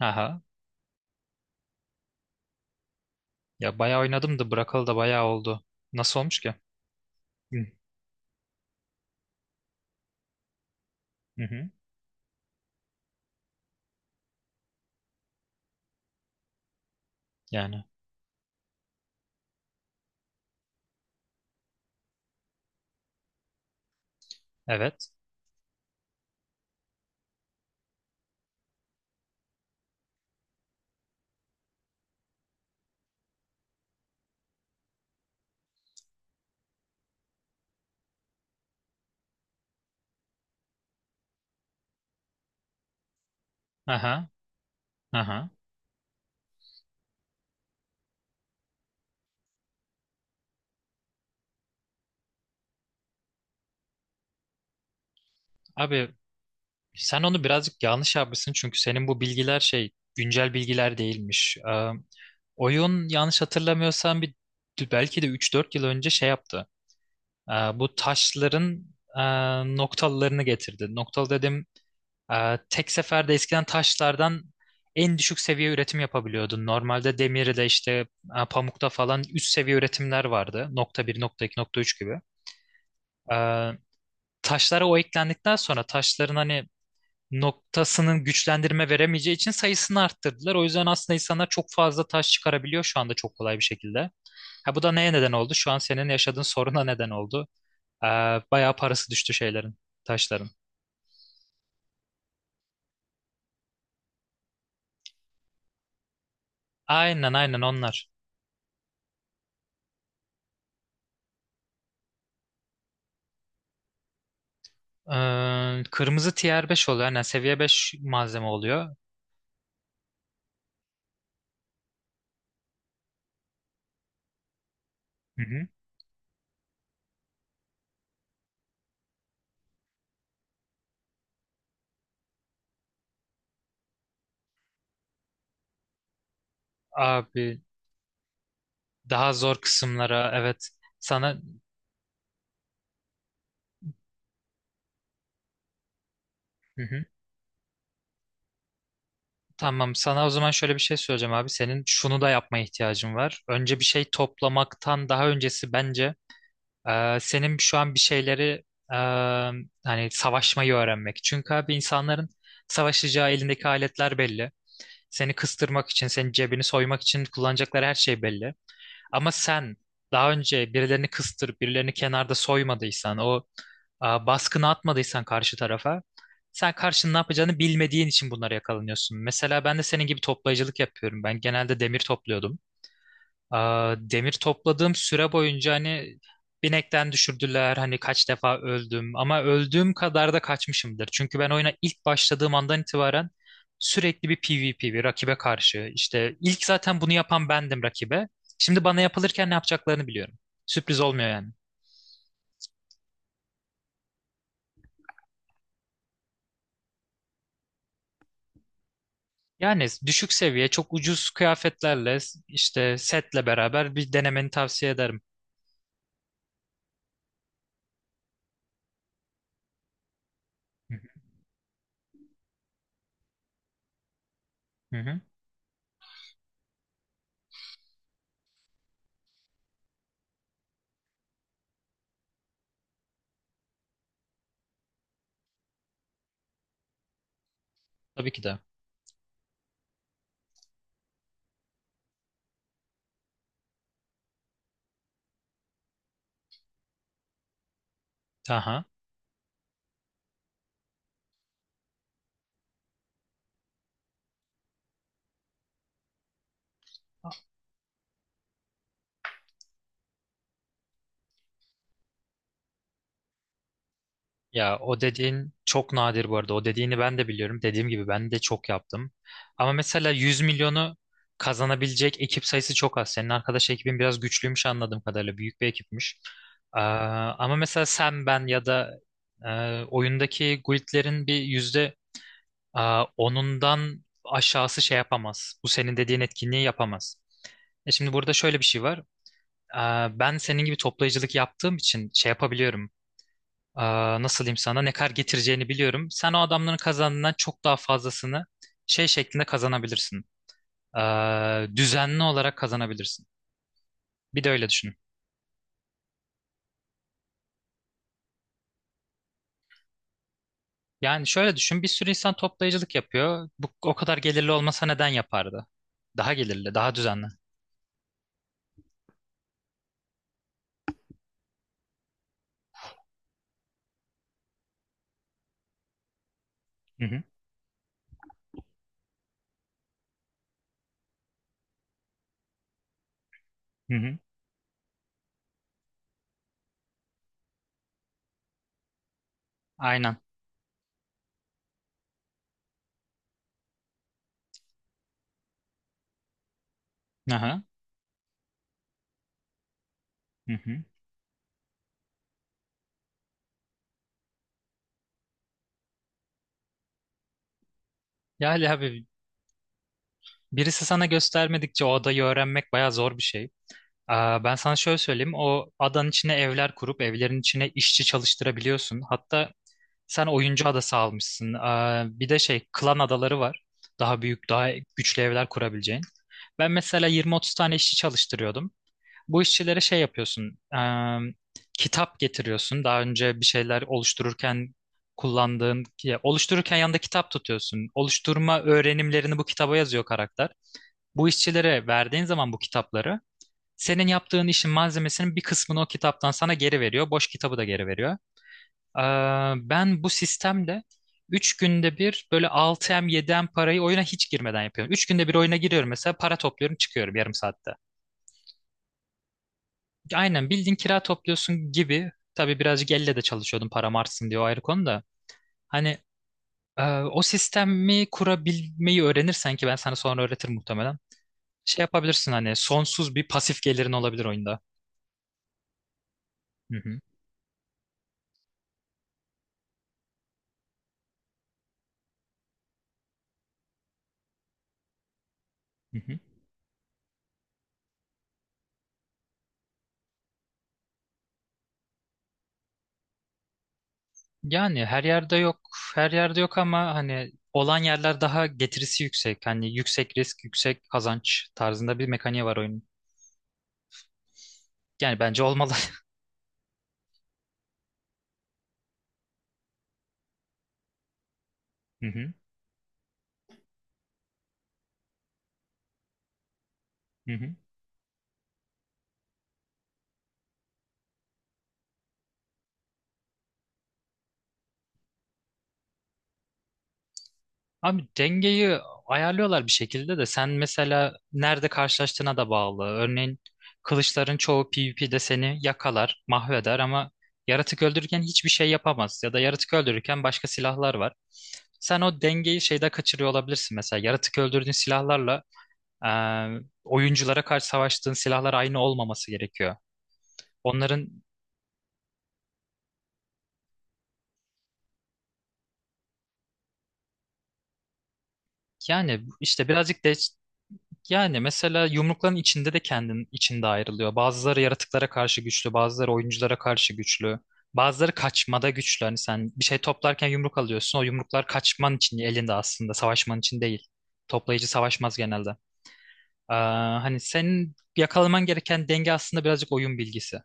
Aha. Ya bayağı oynadım da bırakalı da bayağı oldu. Nasıl olmuş ki? Hı hı. Hı. Yani, evet. Aha. Aha. Abi sen onu birazcık yanlış yapmışsın, çünkü senin bu bilgiler şey, güncel bilgiler değilmiş. Oyun yanlış hatırlamıyorsam bir, belki de 3-4 yıl önce şey yaptı. Ee, bu taşların e, noktalarını getirdi. Noktalı dedim. Tek seferde eskiden taşlardan en düşük seviye üretim yapabiliyordun. Normalde demirde işte pamukta falan üst seviye üretimler vardı. Nokta 1, nokta 2, nokta 3 gibi. Ee, taşlara o eklendikten sonra, taşların hani noktasının güçlendirme veremeyeceği için sayısını arttırdılar. O yüzden aslında insanlar çok fazla taş çıkarabiliyor şu anda, çok kolay bir şekilde. Ha, bu da neye neden oldu? Şu an senin yaşadığın soruna neden oldu. Ee, bayağı parası düştü şeylerin, taşların. Aynen, aynen onlar. Kırmızı tier 5 oluyor. Yani seviye 5 malzeme oluyor. Hı hı. Abi, daha zor kısımlara. Evet, sana. Hı hı. Tamam, sana o zaman şöyle bir şey söyleyeceğim abi. Senin şunu da yapmaya ihtiyacın var. Önce bir şey toplamaktan daha öncesi, bence senin şu an bir şeyleri e, hani savaşmayı öğrenmek. Çünkü abi, insanların savaşacağı elindeki aletler belli. Seni kıstırmak için, senin cebini soymak için kullanacakları her şey belli. Ama sen daha önce birilerini kıstırıp birilerini kenarda soymadıysan, o baskını atmadıysan karşı tarafa, sen karşının ne yapacağını bilmediğin için bunlara yakalanıyorsun. Mesela ben de senin gibi toplayıcılık yapıyorum. Ben genelde demir topluyordum. Demir topladığım süre boyunca, hani binekten düşürdüler, hani kaç defa öldüm, ama öldüğüm kadar da kaçmışımdır. Çünkü ben oyuna ilk başladığım andan itibaren sürekli bir PvP, bir rakibe karşı, işte ilk zaten bunu yapan bendim rakibe. Şimdi bana yapılırken ne yapacaklarını biliyorum. Sürpriz olmuyor yani. Yani düşük seviye çok ucuz kıyafetlerle, işte setle beraber bir denemeni tavsiye ederim. Hı hı. Hı hı. Tabii ki de. Aha. Ya, o dediğin çok nadir bu arada. O dediğini ben de biliyorum. Dediğim gibi, ben de çok yaptım. Ama mesela 100 milyonu kazanabilecek ekip sayısı çok az. Senin arkadaş ekibin biraz güçlüymüş anladığım kadarıyla. Büyük bir ekipmiş. Ama mesela sen, ben ya da oyundaki guildlerin bir yüzde e, onundan aşağısı şey yapamaz. Bu senin dediğin etkinliği yapamaz. Şimdi burada şöyle bir şey var. Ben senin gibi toplayıcılık yaptığım için şey yapabiliyorum. Nasıl diyeyim, sana ne kadar getireceğini biliyorum. Sen o adamların kazandığından çok daha fazlasını şey şeklinde kazanabilirsin. Düzenli olarak kazanabilirsin. Bir de öyle düşün. Yani şöyle düşün, bir sürü insan toplayıcılık yapıyor. Bu o kadar gelirli olmasa neden yapardı? Daha gelirli, daha düzenli. Hı hı, hı hı. Aynen. Aha, hı hı. Yani abi, birisi sana göstermedikçe o adayı öğrenmek bayağı zor bir şey. Ben sana şöyle söyleyeyim. O adanın içine evler kurup evlerin içine işçi çalıştırabiliyorsun. Hatta sen oyuncu adası almışsın. Bir de şey, klan adaları var. Daha büyük, daha güçlü evler kurabileceğin. Ben mesela 20-30 tane işçi çalıştırıyordum. Bu işçilere şey yapıyorsun. Kitap getiriyorsun. Daha önce bir şeyler oluştururken kullandığın, ya oluştururken yanında kitap tutuyorsun. Oluşturma öğrenimlerini bu kitaba yazıyor karakter. Bu işçilere verdiğin zaman bu kitapları, senin yaptığın işin malzemesinin bir kısmını o kitaptan sana geri veriyor. Boş kitabı da geri veriyor. Ee, ben bu sistemle 3 günde bir böyle 6M 7M parayı oyuna hiç girmeden yapıyorum. 3 günde bir oyuna giriyorum mesela, para topluyorum, çıkıyorum yarım saatte. Aynen bildiğin kira topluyorsun gibi. Tabii birazcık elle de çalışıyordum param artsın diye, o ayrı konu da. Hani o sistemi kurabilmeyi öğrenirsen, ki ben sana sonra öğretirim muhtemelen. Şey yapabilirsin, hani sonsuz bir pasif gelirin olabilir oyunda. Hı hı. Hı hı. Yani her yerde yok, her yerde yok, ama hani olan yerler daha getirisi yüksek. Hani yüksek risk, yüksek kazanç tarzında bir mekaniği var oyunun. Yani bence olmalı. Hı hı, hı hı. Abi dengeyi ayarlıyorlar bir şekilde, de sen mesela nerede karşılaştığına da bağlı. Örneğin kılıçların çoğu PvP'de seni yakalar, mahveder, ama yaratık öldürürken hiçbir şey yapamaz. Ya da yaratık öldürürken başka silahlar var. Sen o dengeyi şeyde kaçırıyor olabilirsin mesela. Yaratık öldürdüğün silahlarla oyunculara karşı savaştığın silahlar aynı olmaması gerekiyor. Onların yani işte birazcık de, yani mesela yumrukların içinde de kendin içinde ayrılıyor. Bazıları yaratıklara karşı güçlü, bazıları oyunculara karşı güçlü. Bazıları kaçmada güçlü. Hani sen bir şey toplarken yumruk alıyorsun. O yumruklar kaçman için elinde aslında, savaşman için değil. Toplayıcı savaşmaz genelde. Ee, hani senin yakalaman gereken denge aslında birazcık oyun bilgisi.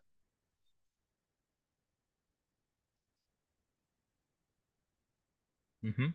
Hı hı.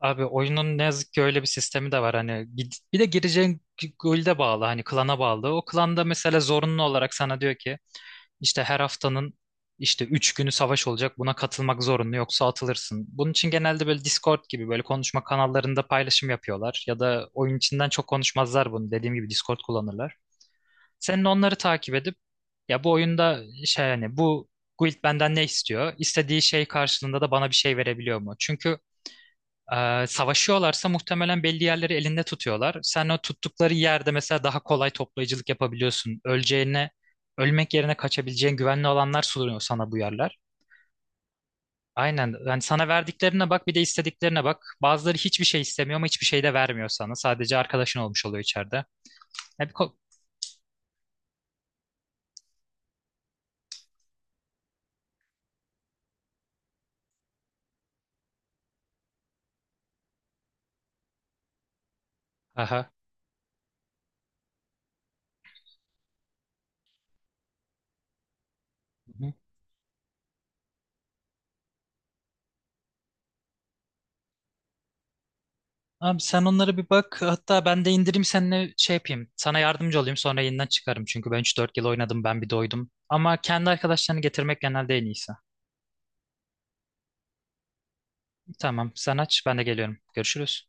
Abi, oyunun ne yazık ki öyle bir sistemi de var, hani bir de gireceğin guild'e bağlı, hani klana bağlı. O klanda mesela zorunlu olarak sana diyor ki, işte her haftanın işte 3 günü savaş olacak, buna katılmak zorunlu yoksa atılırsın. Bunun için genelde böyle Discord gibi böyle konuşma kanallarında paylaşım yapıyorlar, ya da oyun içinden çok konuşmazlar bunu, dediğim gibi Discord kullanırlar. Senin onları takip edip, ya bu oyunda şey, hani bu guild benden ne istiyor? İstediği şey karşılığında da bana bir şey verebiliyor mu? Çünkü savaşıyorlarsa muhtemelen belli yerleri elinde tutuyorlar. Sen o tuttukları yerde mesela daha kolay toplayıcılık yapabiliyorsun. Öleceğine, ölmek yerine kaçabileceğin güvenli alanlar sunuyor sana bu yerler. Aynen. Yani sana verdiklerine bak, bir de istediklerine bak. Bazıları hiçbir şey istemiyor ama hiçbir şey de vermiyor sana. Sadece arkadaşın olmuş oluyor içeride. Ya bir ko-. Aha. Hı hı. Abi sen onlara bir bak. Hatta ben de indireyim, seninle şey yapayım. Sana yardımcı olayım, sonra yeniden çıkarım. Çünkü ben 3-4 yıl oynadım, ben bir doydum. Ama kendi arkadaşlarını getirmek genelde en iyisi. Tamam, sen aç, ben de geliyorum. Görüşürüz.